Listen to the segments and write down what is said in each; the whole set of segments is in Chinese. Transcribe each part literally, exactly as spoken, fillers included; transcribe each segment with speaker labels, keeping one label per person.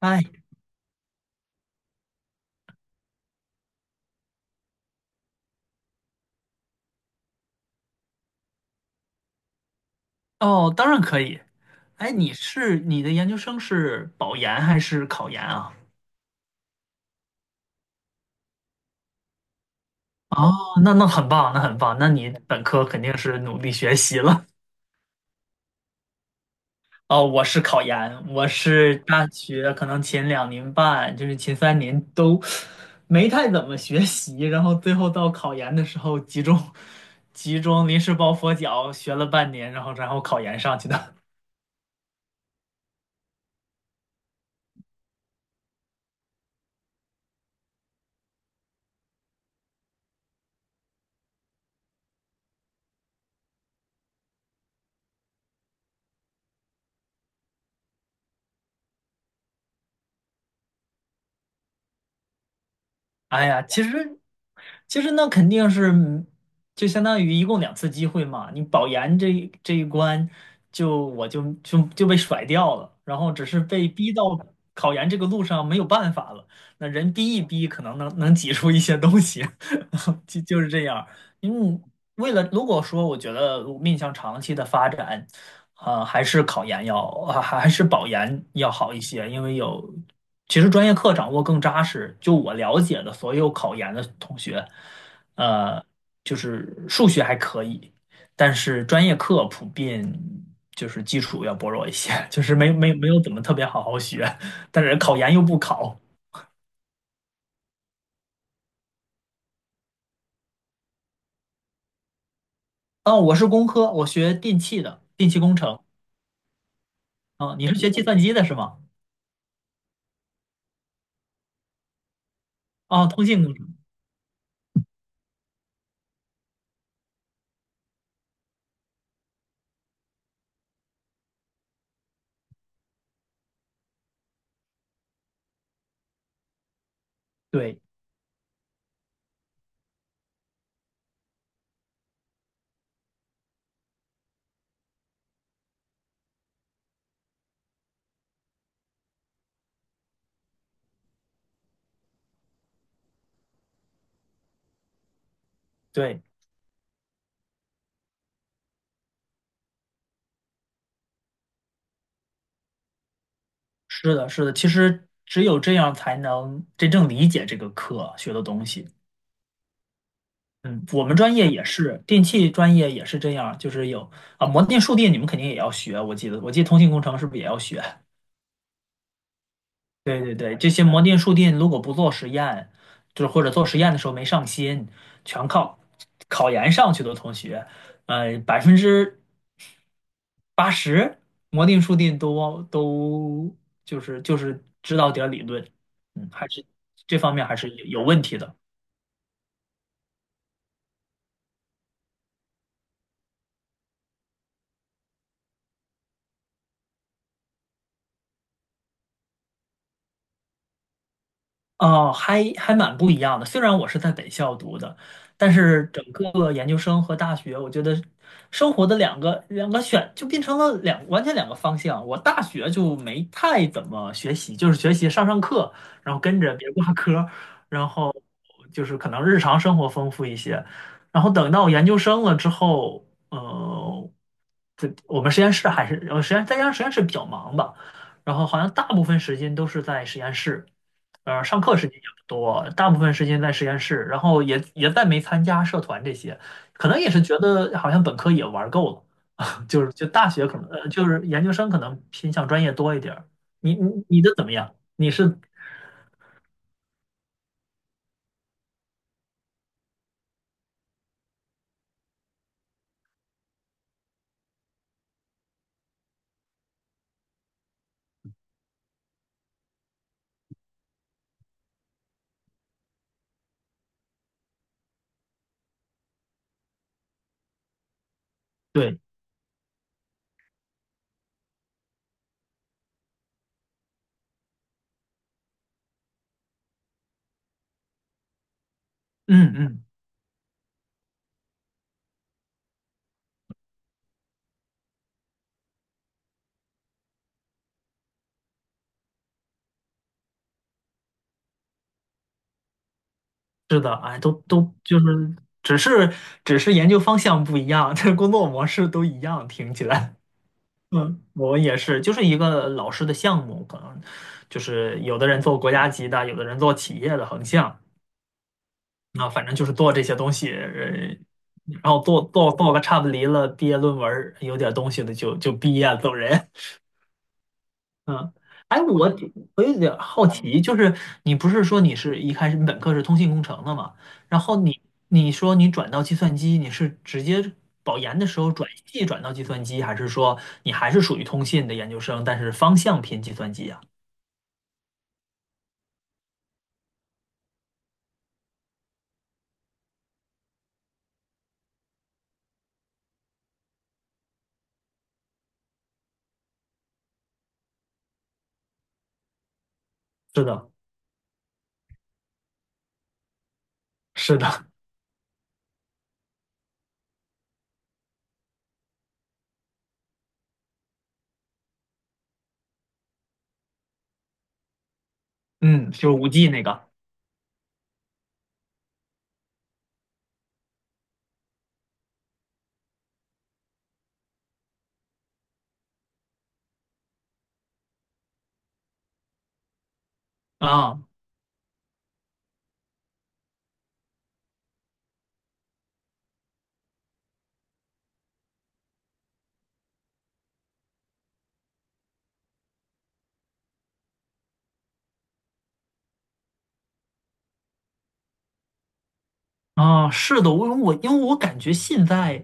Speaker 1: 哎，哦，当然可以。哎，你是你的研究生是保研还是考研啊？哦，那那很棒，那很棒。那你本科肯定是努力学习了。哦，我是考研，我是大学可能前两年半，就是前三年都没太怎么学习，然后最后到考研的时候集中集中临时抱佛脚学了半年，然后然后考研上去的。哎呀，其实其实那肯定是，嗯就相当于一共两次机会嘛。你保研这一这一关就，我就就就被甩掉了，然后只是被逼到考研这个路上没有办法了。那人逼一逼，可能能能挤出一些东西，就就是这样。因为为了如果说我觉得面向长期的发展，啊、还是考研要啊、还还是保研要好一些，因为有其实专业课掌握更扎实。就我了解的所有考研的同学，呃，就是数学还可以，但是专业课普遍就是基础要薄弱一些，就是没没没有怎么特别好好学，但是考研又不考。啊，我是工科，我学电气的，电气工程。啊、你是学计算机的是吗？哦，通信工程，对对，是的，是的，其实只有这样才能真正理解这个课学的东西。嗯，我们专业也是，电气专业也是这样，就是有啊，模电、数电你们肯定也要学，我记得，我记得通信工程是不是也要学？对对对，这些模电、数电如果不做实验，就是或者做实验的时候没上心，全靠考研上去的同学，呃，百分之八十，摩定数定都都就是就是知道点儿理论。嗯，还是这方面还是有有问题的。哦，还还蛮不一样的。虽然我是在北校读的，但是整个研究生和大学，我觉得生活的两个两个选就变成了两完全两个方向。我大学就没太怎么学习，就是学习上上课，然后跟着别挂科，然后就是可能日常生活丰富一些。然后等到研究生了之后，呃，这我们实验室还是我实验再加上实验室比较忙吧，然后好像大部分时间都是在实验室。呃，上课时间也不多，大部分时间在实验室，然后也也再没参加社团这些，可能也是觉得好像本科也玩够了，就是就大学可能呃就是研究生可能偏向专业多一点儿。你你你的怎么样？你是对，嗯嗯，是的，哎，都都就是只是只是研究方向不一样，这工作模式都一样，听起来。嗯，我也是，就是一个老师的项目，可能就是有的人做国家级的，有的人做企业的横向。啊，反正就是做这些东西，呃然后做做做个差不离了，毕业论文儿有点东西的就就毕业走人。嗯，哎，我我有点好奇，就是你不是说你是一开始你本科是通信工程的嘛？然后你你说你转到计算机，你是直接保研的时候转系转到计算机，还是说你还是属于通信的研究生，但是方向偏计算机啊？是的，是的，嗯，就是五 G 那个啊。啊，是的，我我因为我感觉现在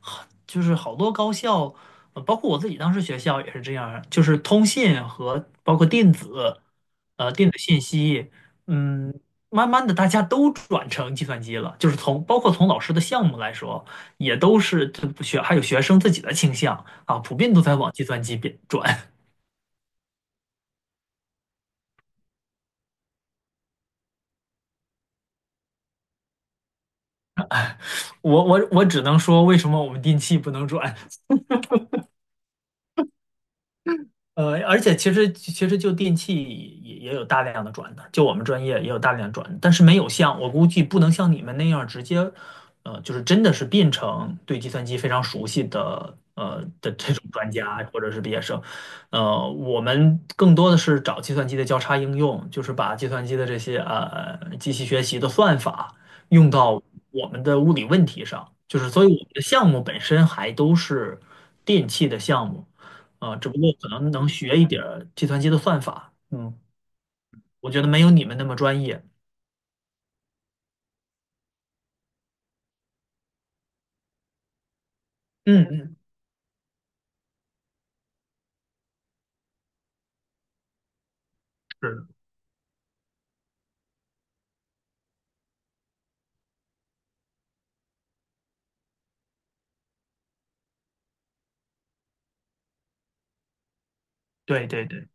Speaker 1: 很就是好多高校，呃包括我自己当时学校也是这样儿就是通信和包括电子，呃，电子信息，嗯，慢慢的大家都转成计算机了，就是从包括从老师的项目来说，也都是这不学还有学生自己的倾向啊，普遍都在往计算机变转。我我我只能说，为什么我们电气不能转？呃，而且其实其实就电器也也有大量的转的，就我们专业也有大量转的，但是没有像我估计不能像你们那样直接，呃，就是真的是变成对计算机非常熟悉的呃的这种专家或者是毕业生，呃，我们更多的是找计算机的交叉应用，就是把计算机的这些呃机器学习的算法用到我们的物理问题上，就是所以我们的项目本身还都是电器的项目。啊，只不过可能能学一点儿计算机的算法，嗯，我觉得没有你们那么专业。嗯嗯，是的，对对对，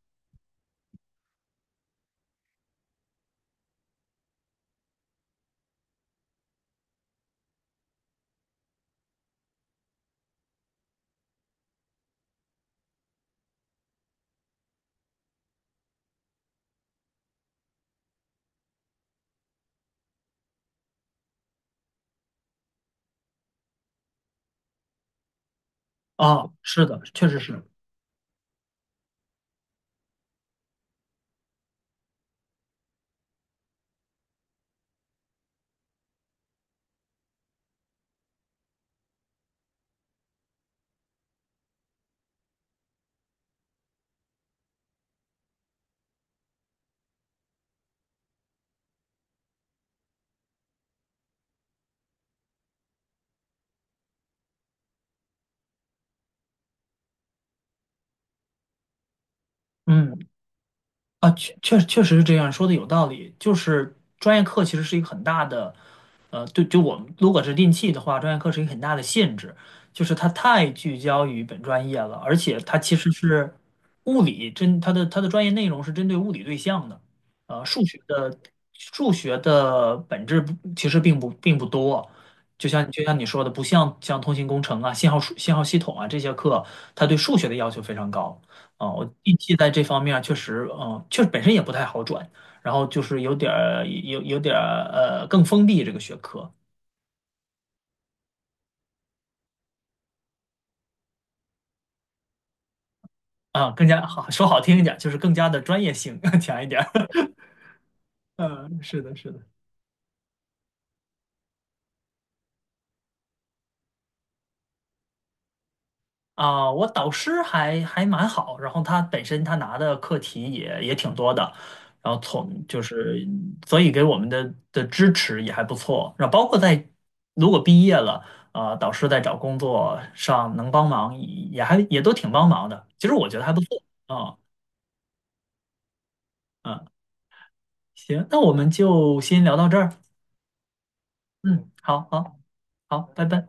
Speaker 1: 啊，是的，确实是，嗯。啊，确确确实是这样，说的有道理。就是专业课其实是一个很大的，呃，对，就我们如果是电期的话，专业课是一个很大的限制，就是它太聚焦于本专业了，而且它其实是物理针，它的它的专业内容是针对物理对象的，呃，数学的数学的本质不其实并不并不多，就像就像你说的，不像像通信工程啊、信号数信号系统啊这些课，它对数学的要求非常高。啊，我运气在这方面儿确实，嗯，确实本身也不太好转，然后就是有点儿有有点儿呃更封闭这个学科啊，更加好说好听一点儿就是更加的专业性 强一点儿。嗯，是的，是的。啊，我导师还还蛮好，然后他本身他拿的课题也也挺多的，然后从就是所以给我们的的支持也还不错，然后包括在如果毕业了，啊，导师在找工作上能帮忙也还也都挺帮忙的，其实我觉得还不错啊，嗯，行，那我们就先聊到这儿，嗯，好好好，拜拜。